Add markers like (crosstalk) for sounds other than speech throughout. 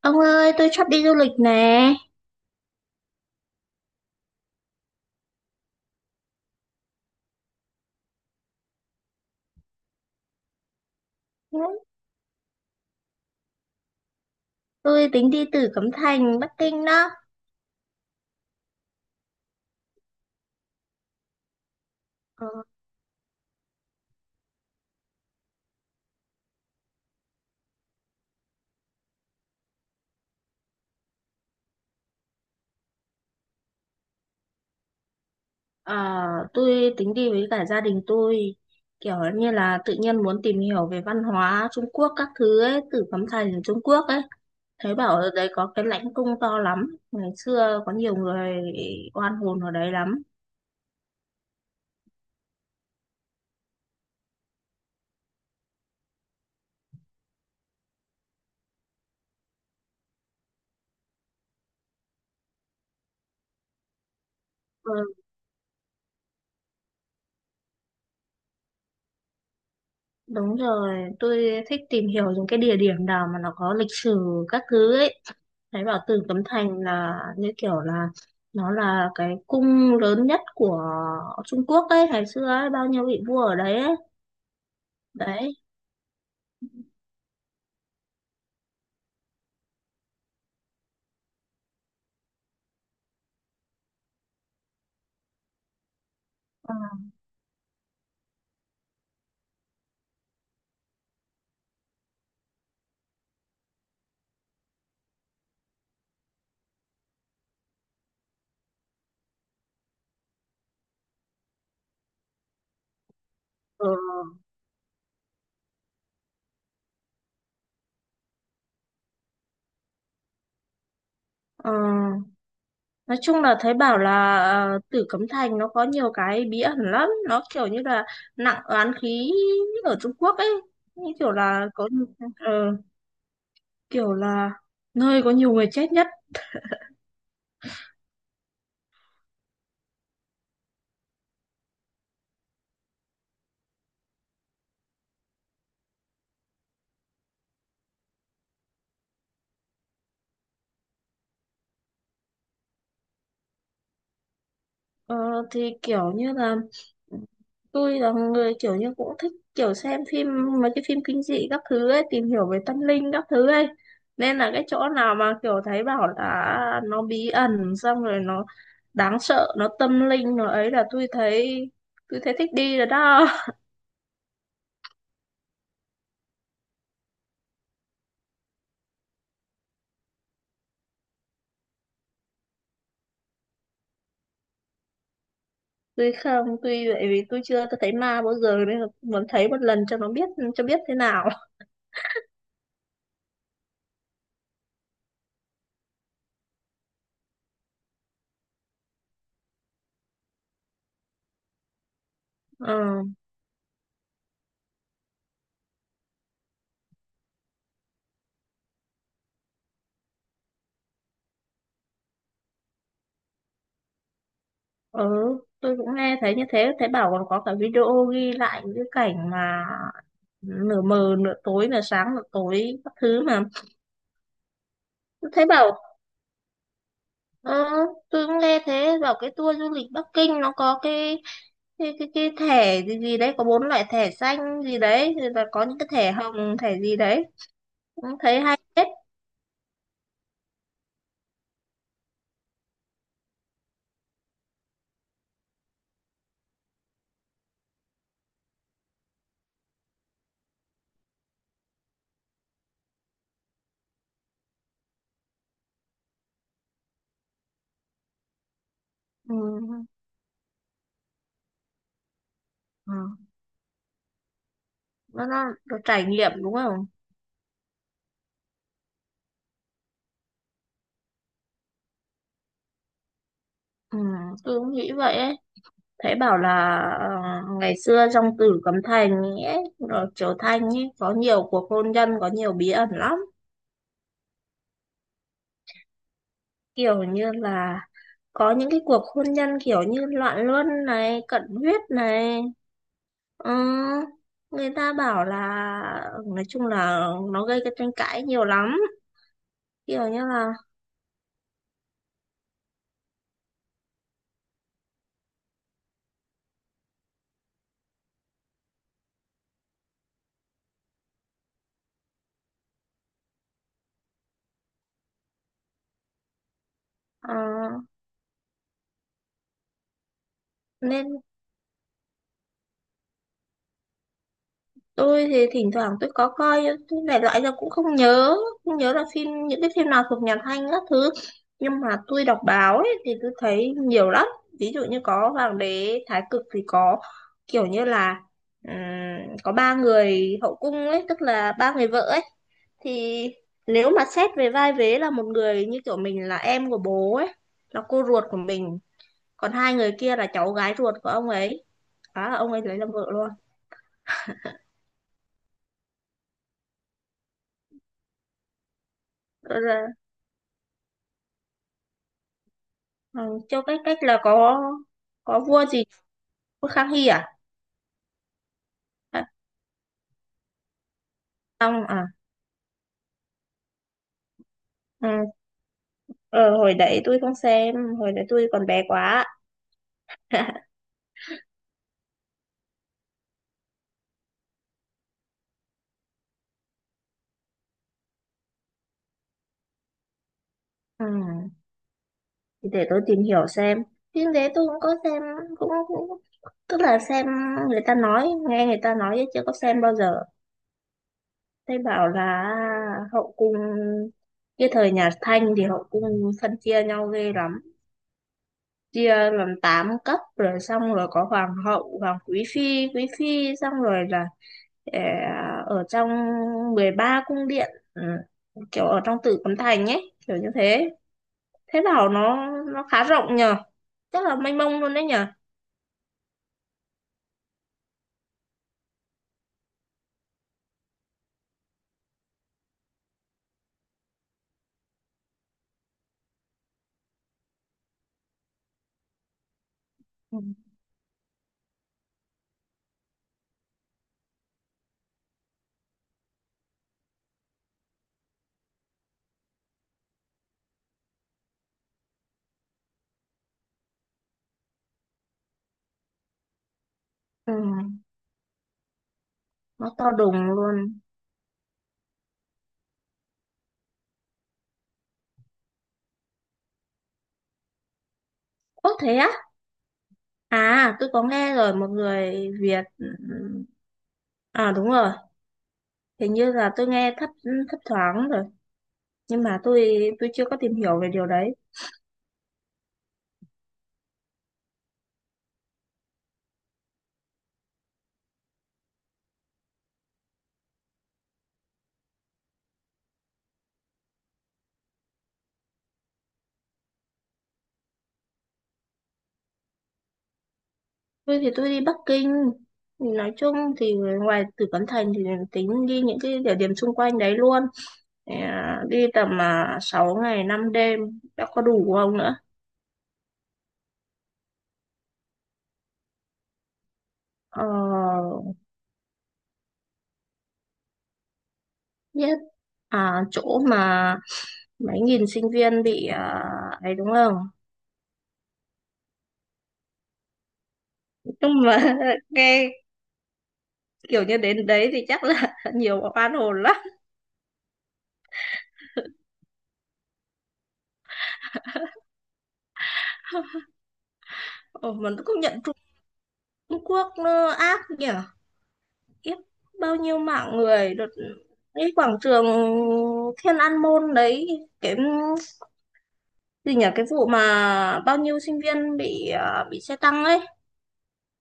Ông ơi, tôi sắp đi du lịch nè. Ừ. Tôi tính đi từ Cấm Thành, Bắc Kinh đó. Ờ. À, tôi tính đi với cả gia đình tôi. Kiểu như là tự nhiên muốn tìm hiểu về văn hóa Trung Quốc các thứ ấy, từ Cấm Thành Trung Quốc ấy. Thấy bảo ở đấy có cái lãnh cung to lắm. Ngày xưa có nhiều người oan hồn ở đấy lắm. Ừ, đúng rồi, tôi thích tìm hiểu những cái địa điểm nào mà nó có lịch sử các thứ ấy. Thấy bảo Tử Cấm Thành là như kiểu là nó là cái cung lớn nhất của Trung Quốc ấy ngày xưa ấy, bao nhiêu vị vua ở đấy ấy. Đấy. Ờ. Ờ. Ờ. Nói chung là thấy bảo là Tử Cấm Thành nó có nhiều cái bí ẩn lắm, nó kiểu như là nặng oán khí ở Trung Quốc ấy, như kiểu là có ờ, kiểu là nơi có nhiều người chết nhất. Ờ, thì kiểu như là tôi là người kiểu như cũng thích kiểu xem phim, mấy cái phim kinh dị các thứ ấy, tìm hiểu về tâm linh các thứ ấy. Nên là cái chỗ nào mà kiểu thấy bảo là nó bí ẩn xong rồi nó đáng sợ, nó tâm linh nó ấy là tôi thấy thích đi rồi đó. (laughs) Tôi không, tôi vậy vì tôi chưa thấy ma bao giờ nên là muốn thấy một lần cho nó biết, cho biết thế nào. Ờ. Ừ, tôi cũng nghe thấy như thế, thấy bảo còn có cả video ghi lại những cái cảnh mà nửa mờ nửa tối, nửa sáng nửa tối các thứ mà. Tôi thấy bảo ờ, tôi cũng nghe thế, bảo cái tour du lịch Bắc Kinh nó có cái thẻ gì gì đấy, có bốn loại thẻ xanh gì đấy, rồi là có những cái thẻ hồng, thẻ gì đấy, cũng thấy hay hết. Ừ. Ừ. nó trải nghiệm đúng không. Ừ, tôi cũng nghĩ vậy ấy. Thế bảo là ngày xưa trong Tử Cấm Thành ấy, rồi Triều Thanh ấy, có nhiều cuộc hôn nhân, có nhiều bí ẩn lắm. Kiểu như là có những cái cuộc hôn nhân kiểu như loạn luân này, cận huyết này. Ừ, người ta bảo là nói chung là nó gây cái tranh cãi nhiều lắm. Kiểu như là ờ, nên tôi thì thỉnh thoảng tôi có coi, tôi đại loại là cũng không nhớ, không nhớ là những cái phim nào thuộc nhà Thanh các thứ, nhưng mà tôi đọc báo ấy, thì tôi thấy nhiều lắm. Ví dụ như có Hoàng đế Thái Cực thì có kiểu như là, ừm, có ba người hậu cung ấy, tức là ba người vợ ấy, thì nếu mà xét về vai vế là một người như kiểu mình là em của bố ấy, là cô ruột của mình, còn hai người kia là cháu gái ruột của ông ấy. Đó là ông ấy lấy làm vợ luôn. Ừ, Châu Cách Cách là có vua gì, vua Khang Hy à? À không à. Ừ. ờ, Hồi đấy tôi không xem, hồi đấy tôi còn bé quá. (laughs) Ừ. Thì để tôi tìm hiểu xem, phim đấy tôi cũng có xem, cũng tức là xem người ta nói, nghe người ta nói chứ chưa có xem bao giờ. Thấy bảo là hậu cung cái thời nhà Thanh thì hậu cung phân chia nhau ghê lắm, chia làm 8 cấp, rồi xong rồi có hoàng hậu, hoàng quý phi, quý phi, xong rồi là, Ờ, ở trong 13 cung điện, ừ, kiểu ở trong Tử Cấm Thành ấy, kiểu như thế. Thế đảo nó khá rộng nhờ, rất là mênh mông luôn đấy nhờ. Ừ. Ừ, nó to đùng luôn. Ố thế á. À tôi có nghe rồi, một người Việt, ừ, ừ. À đúng rồi, hình như là tôi nghe thấp thấp thoáng rồi, nhưng mà tôi chưa có tìm hiểu về điều đấy. Tôi thì tôi đi Bắc Kinh, thì nói chung thì ngoài Tử Cấm Thành thì tính đi những cái địa điểm xung quanh đấy luôn. Thì, à, đi tầm à, 6 ngày 5 đêm đã có đủ không nữa. ờ, Biết à, chỗ mà mấy nghìn sinh viên bị à, ấy đúng không. Nhưng mà (laughs) nghe kiểu như đến đấy thì chắc là (laughs) nhiều oan hồn lắm. Ờ, mình cũng nhận, Trung Trung Quốc nó ác nhỉ. Kiếp, bao nhiêu mạng người đợt cái quảng trường Thiên An Môn đấy, cái gì nhỉ, cái vụ mà bao nhiêu sinh viên bị à, bị xe tăng ấy.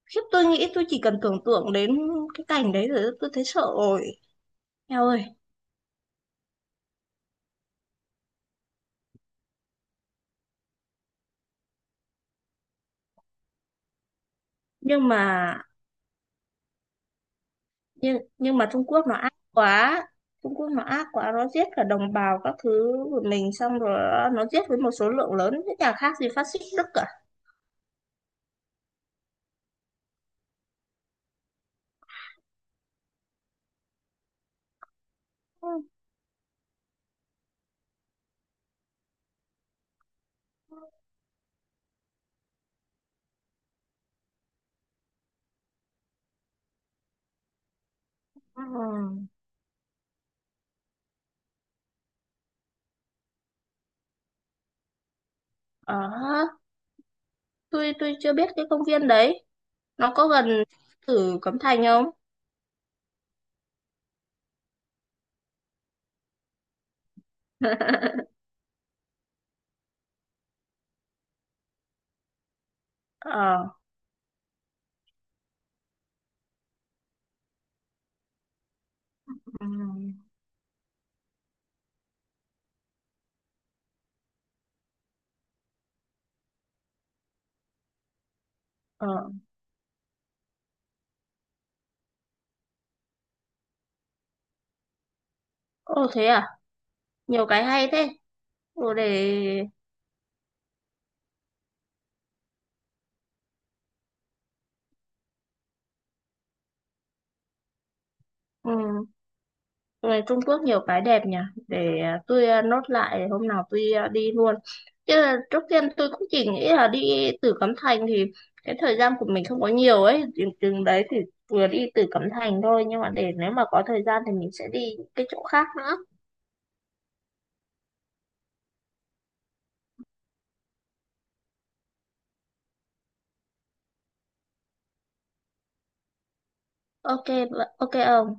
Khiếp, tôi nghĩ tôi chỉ cần tưởng tượng đến cái cảnh đấy rồi tôi thấy sợ rồi. Eo ơi, nhưng mà, nhưng mà Trung Quốc nó ác quá. Trung Quốc nó ác quá, nó giết cả đồng bào các thứ của mình, xong rồi nó giết với một số lượng lớn thế, chả khác gì phát xít Đức cả. Ừ. Ừ. Ờ, tôi chưa biết cái công viên đấy, nó có gần Tử Cấm Thành không? (laughs) Ờ, ừ, ờ, ô thế à, nhiều cái hay thế. Ồ để, ừ, về Trung Quốc nhiều cái đẹp nhỉ, để à, tôi à, nốt lại hôm nào tôi à, đi luôn, chứ là trước tiên tôi cũng chỉ nghĩ là đi Tử Cấm Thành thì cái thời gian của mình không có nhiều ấy, chừng đấy thì vừa đi Tử Cấm Thành thôi, nhưng mà để nếu mà có thời gian thì mình sẽ đi những cái chỗ khác nữa. OK, OK ông.